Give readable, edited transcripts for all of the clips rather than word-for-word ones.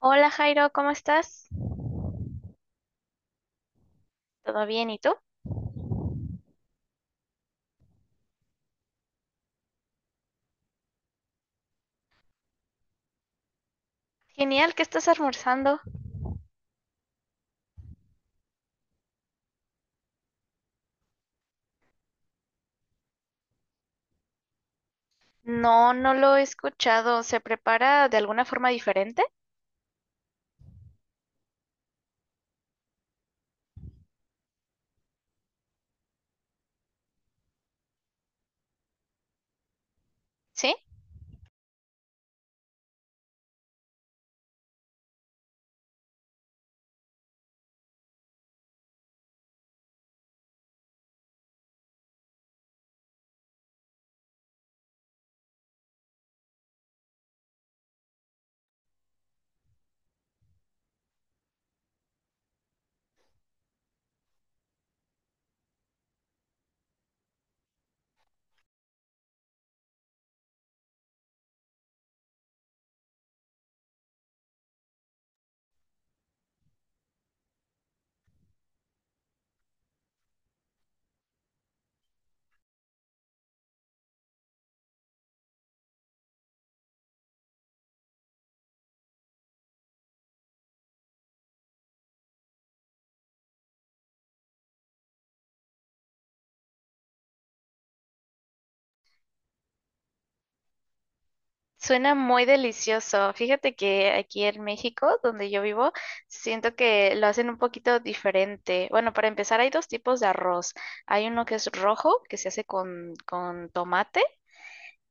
Hola Jairo, ¿cómo estás? ¿Todo bien? ¿Y tú? Genial, ¿qué estás almorzando? No, no lo he escuchado. ¿Se prepara de alguna forma diferente? ¿Sí? Suena muy delicioso. Fíjate que aquí en México, donde yo vivo, siento que lo hacen un poquito diferente. Bueno, para empezar, hay dos tipos de arroz. Hay uno que es rojo, que se hace con tomate.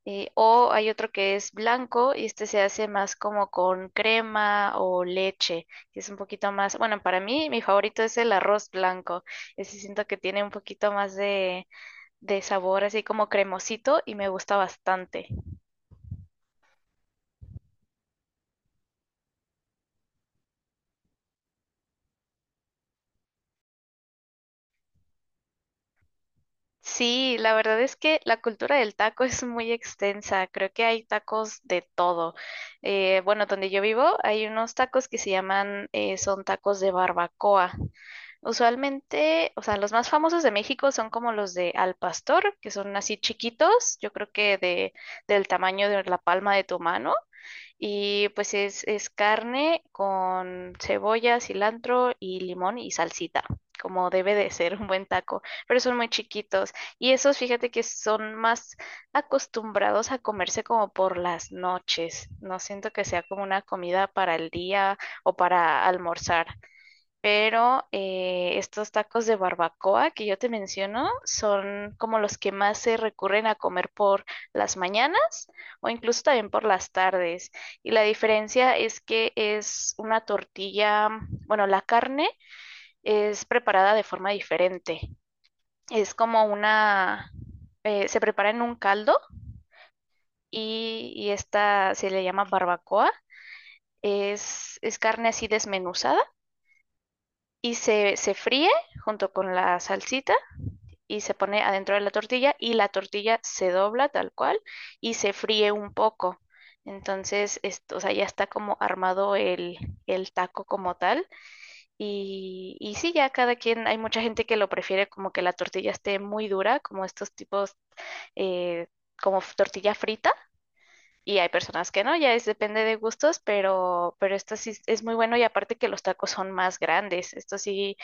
O hay otro que es blanco y este se hace más como con crema o leche, que es un poquito más, bueno, para mí mi favorito es el arroz blanco, ese siento que tiene un poquito más de sabor así como cremosito y me gusta bastante. Sí, la verdad es que la cultura del taco es muy extensa, creo que hay tacos de todo. Bueno, donde yo vivo hay unos tacos que se llaman, son tacos de barbacoa. Usualmente, o sea, los más famosos de México son como los de al pastor, que son así chiquitos, yo creo que del tamaño de la palma de tu mano. Y pues es carne con cebolla, cilantro y limón y salsita, como debe de ser un buen taco, pero son muy chiquitos. Y esos, fíjate que son más acostumbrados a comerse como por las noches. No siento que sea como una comida para el día o para almorzar. Pero estos tacos de barbacoa que yo te menciono son como los que más se recurren a comer por las mañanas o incluso también por las tardes. Y la diferencia es que es una tortilla, bueno, la carne es preparada de forma diferente. Es como una, se prepara en un caldo y esta se le llama barbacoa. Es carne así desmenuzada y se fríe junto con la salsita y se pone adentro de la tortilla y la tortilla se dobla tal cual y se fríe un poco. Entonces, esto, o sea, ya está como armado el taco como tal. Y sí, ya cada quien, hay mucha gente que lo prefiere como que la tortilla esté muy dura, como estos tipos, eh, como tortilla frita y hay personas que no, ya es depende de gustos, pero esto sí muy bueno y aparte que los tacos son más grandes. Esto sí,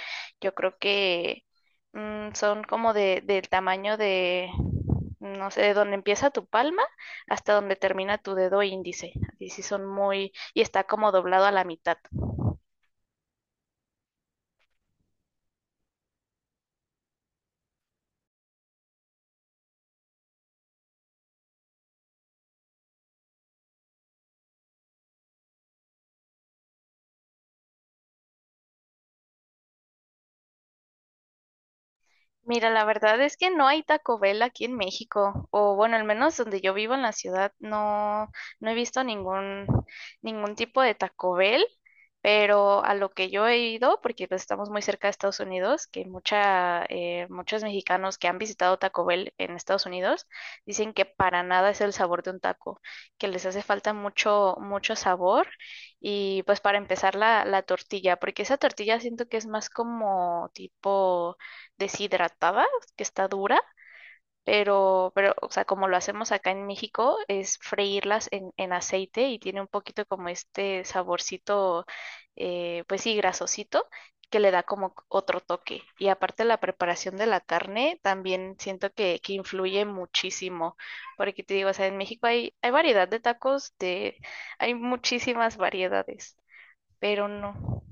yo creo que son como de, del tamaño de, no sé, de donde empieza tu palma hasta donde termina tu dedo índice. Y sí son muy, y está como doblado a la mitad. Mira, la verdad es que no hay Taco Bell aquí en México, o bueno, al menos donde yo vivo en la ciudad, no, no he visto ningún, ningún tipo de Taco Bell, pero a lo que yo he ido, porque pues, estamos muy cerca de Estados Unidos, que mucha, muchos mexicanos que han visitado Taco Bell en Estados Unidos dicen que para nada es el sabor de un taco, que les hace falta mucho, mucho sabor. Y pues para empezar la tortilla, porque esa tortilla siento que es más como tipo deshidratada, que está dura, pero, o sea, como lo hacemos acá en México, es freírlas en aceite y tiene un poquito como este saborcito, pues sí, grasosito, que le da como otro toque. Y aparte la preparación de la carne también siento que influye muchísimo, porque te digo, o sea, en México hay, hay variedad de tacos, de, hay muchísimas variedades, pero no.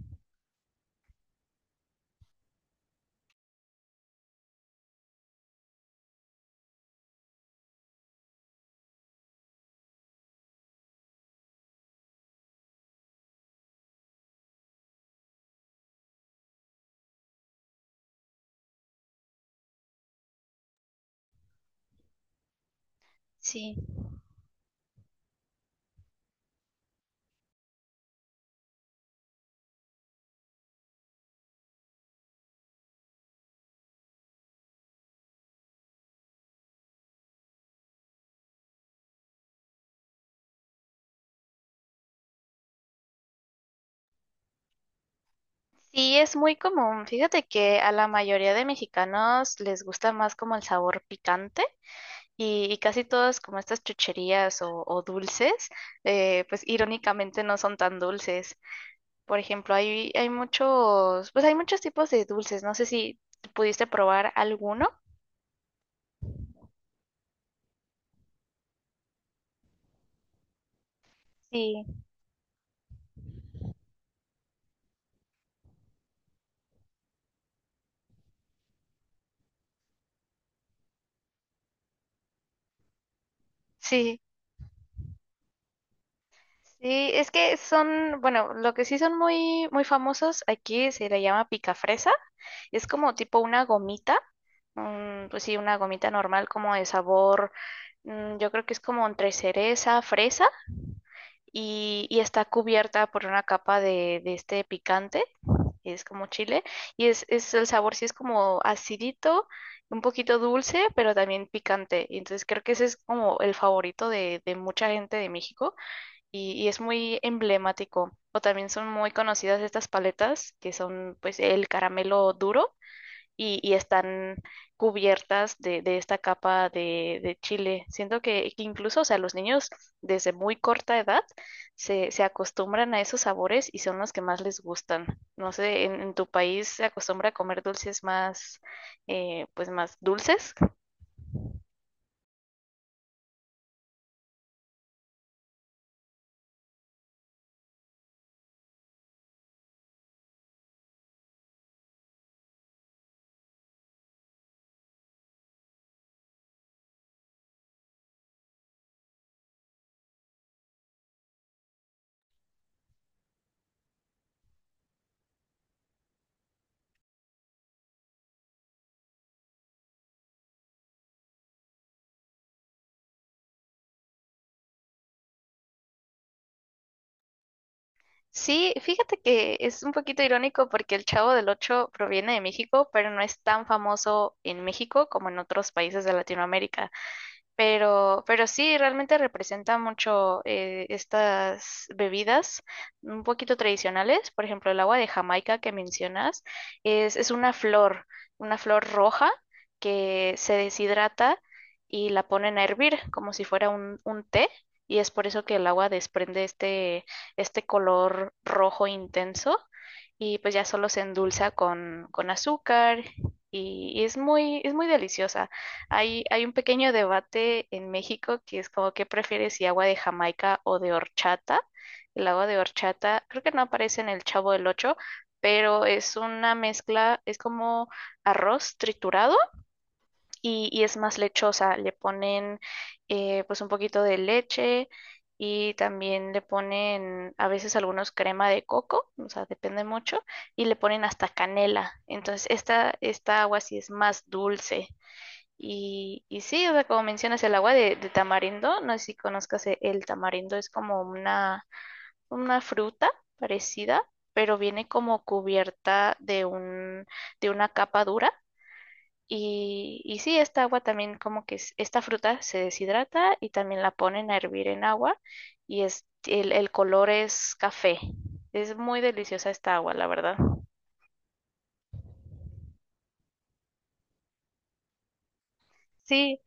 Sí. Sí, es muy común. Fíjate que a la mayoría de mexicanos les gusta más como el sabor picante y casi todas como estas chucherías o dulces, pues irónicamente no son tan dulces. Por ejemplo, hay muchos, pues hay muchos tipos de dulces. No sé si pudiste probar alguno. Sí, sí. Sí, es que son, bueno, lo que sí son muy, muy famosos aquí se le llama pica fresa. Es como tipo una gomita. Pues sí, una gomita normal como de sabor, yo creo que es como entre cereza, fresa y está cubierta por una capa de este picante, es como chile y es el sabor sí es como acidito, un poquito dulce, pero también picante. Y entonces creo que ese es como el favorito de mucha gente de México y es muy emblemático. O también son muy conocidas estas paletas que son pues el caramelo duro y están cubiertas de esta capa de chile. Siento que incluso, o sea, los niños desde muy corta edad se, se acostumbran a esos sabores y son los que más les gustan. No sé, en tu país se acostumbra a comer dulces más, pues más dulces? Sí, fíjate que es un poquito irónico porque el Chavo del Ocho proviene de México, pero no es tan famoso en México como en otros países de Latinoamérica. Pero sí, realmente representa mucho estas bebidas un poquito tradicionales. Por ejemplo, el agua de Jamaica que mencionas es una flor roja que se deshidrata y la ponen a hervir como si fuera un té. Y es por eso que el agua desprende este color rojo intenso y pues ya solo se endulza con azúcar y es muy deliciosa. Hay un pequeño debate en México que es como qué prefieres si agua de Jamaica o de horchata. El agua de horchata creo que no aparece en el Chavo del Ocho, pero es una mezcla, es como arroz triturado y es más lechosa. Le ponen pues un poquito de leche y también le ponen a veces algunos crema de coco, o sea, depende mucho, y le ponen hasta canela. Entonces esta agua sí es más dulce. Y sí, o sea, como mencionas el agua de tamarindo, no sé si conozcas el tamarindo, es como una fruta parecida, pero viene como cubierta de un, de una capa dura. Y sí, esta agua también como que esta fruta se deshidrata y también la ponen a hervir en agua y es, el color es café. Es muy deliciosa esta agua, la verdad. Sí.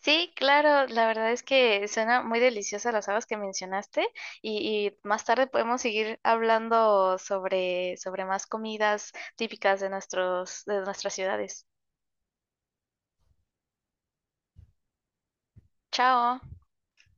Sí, claro, la verdad es que suena muy deliciosa las habas que mencionaste y más tarde podemos seguir hablando sobre, sobre más comidas típicas de nuestros, de nuestras ciudades. Chao.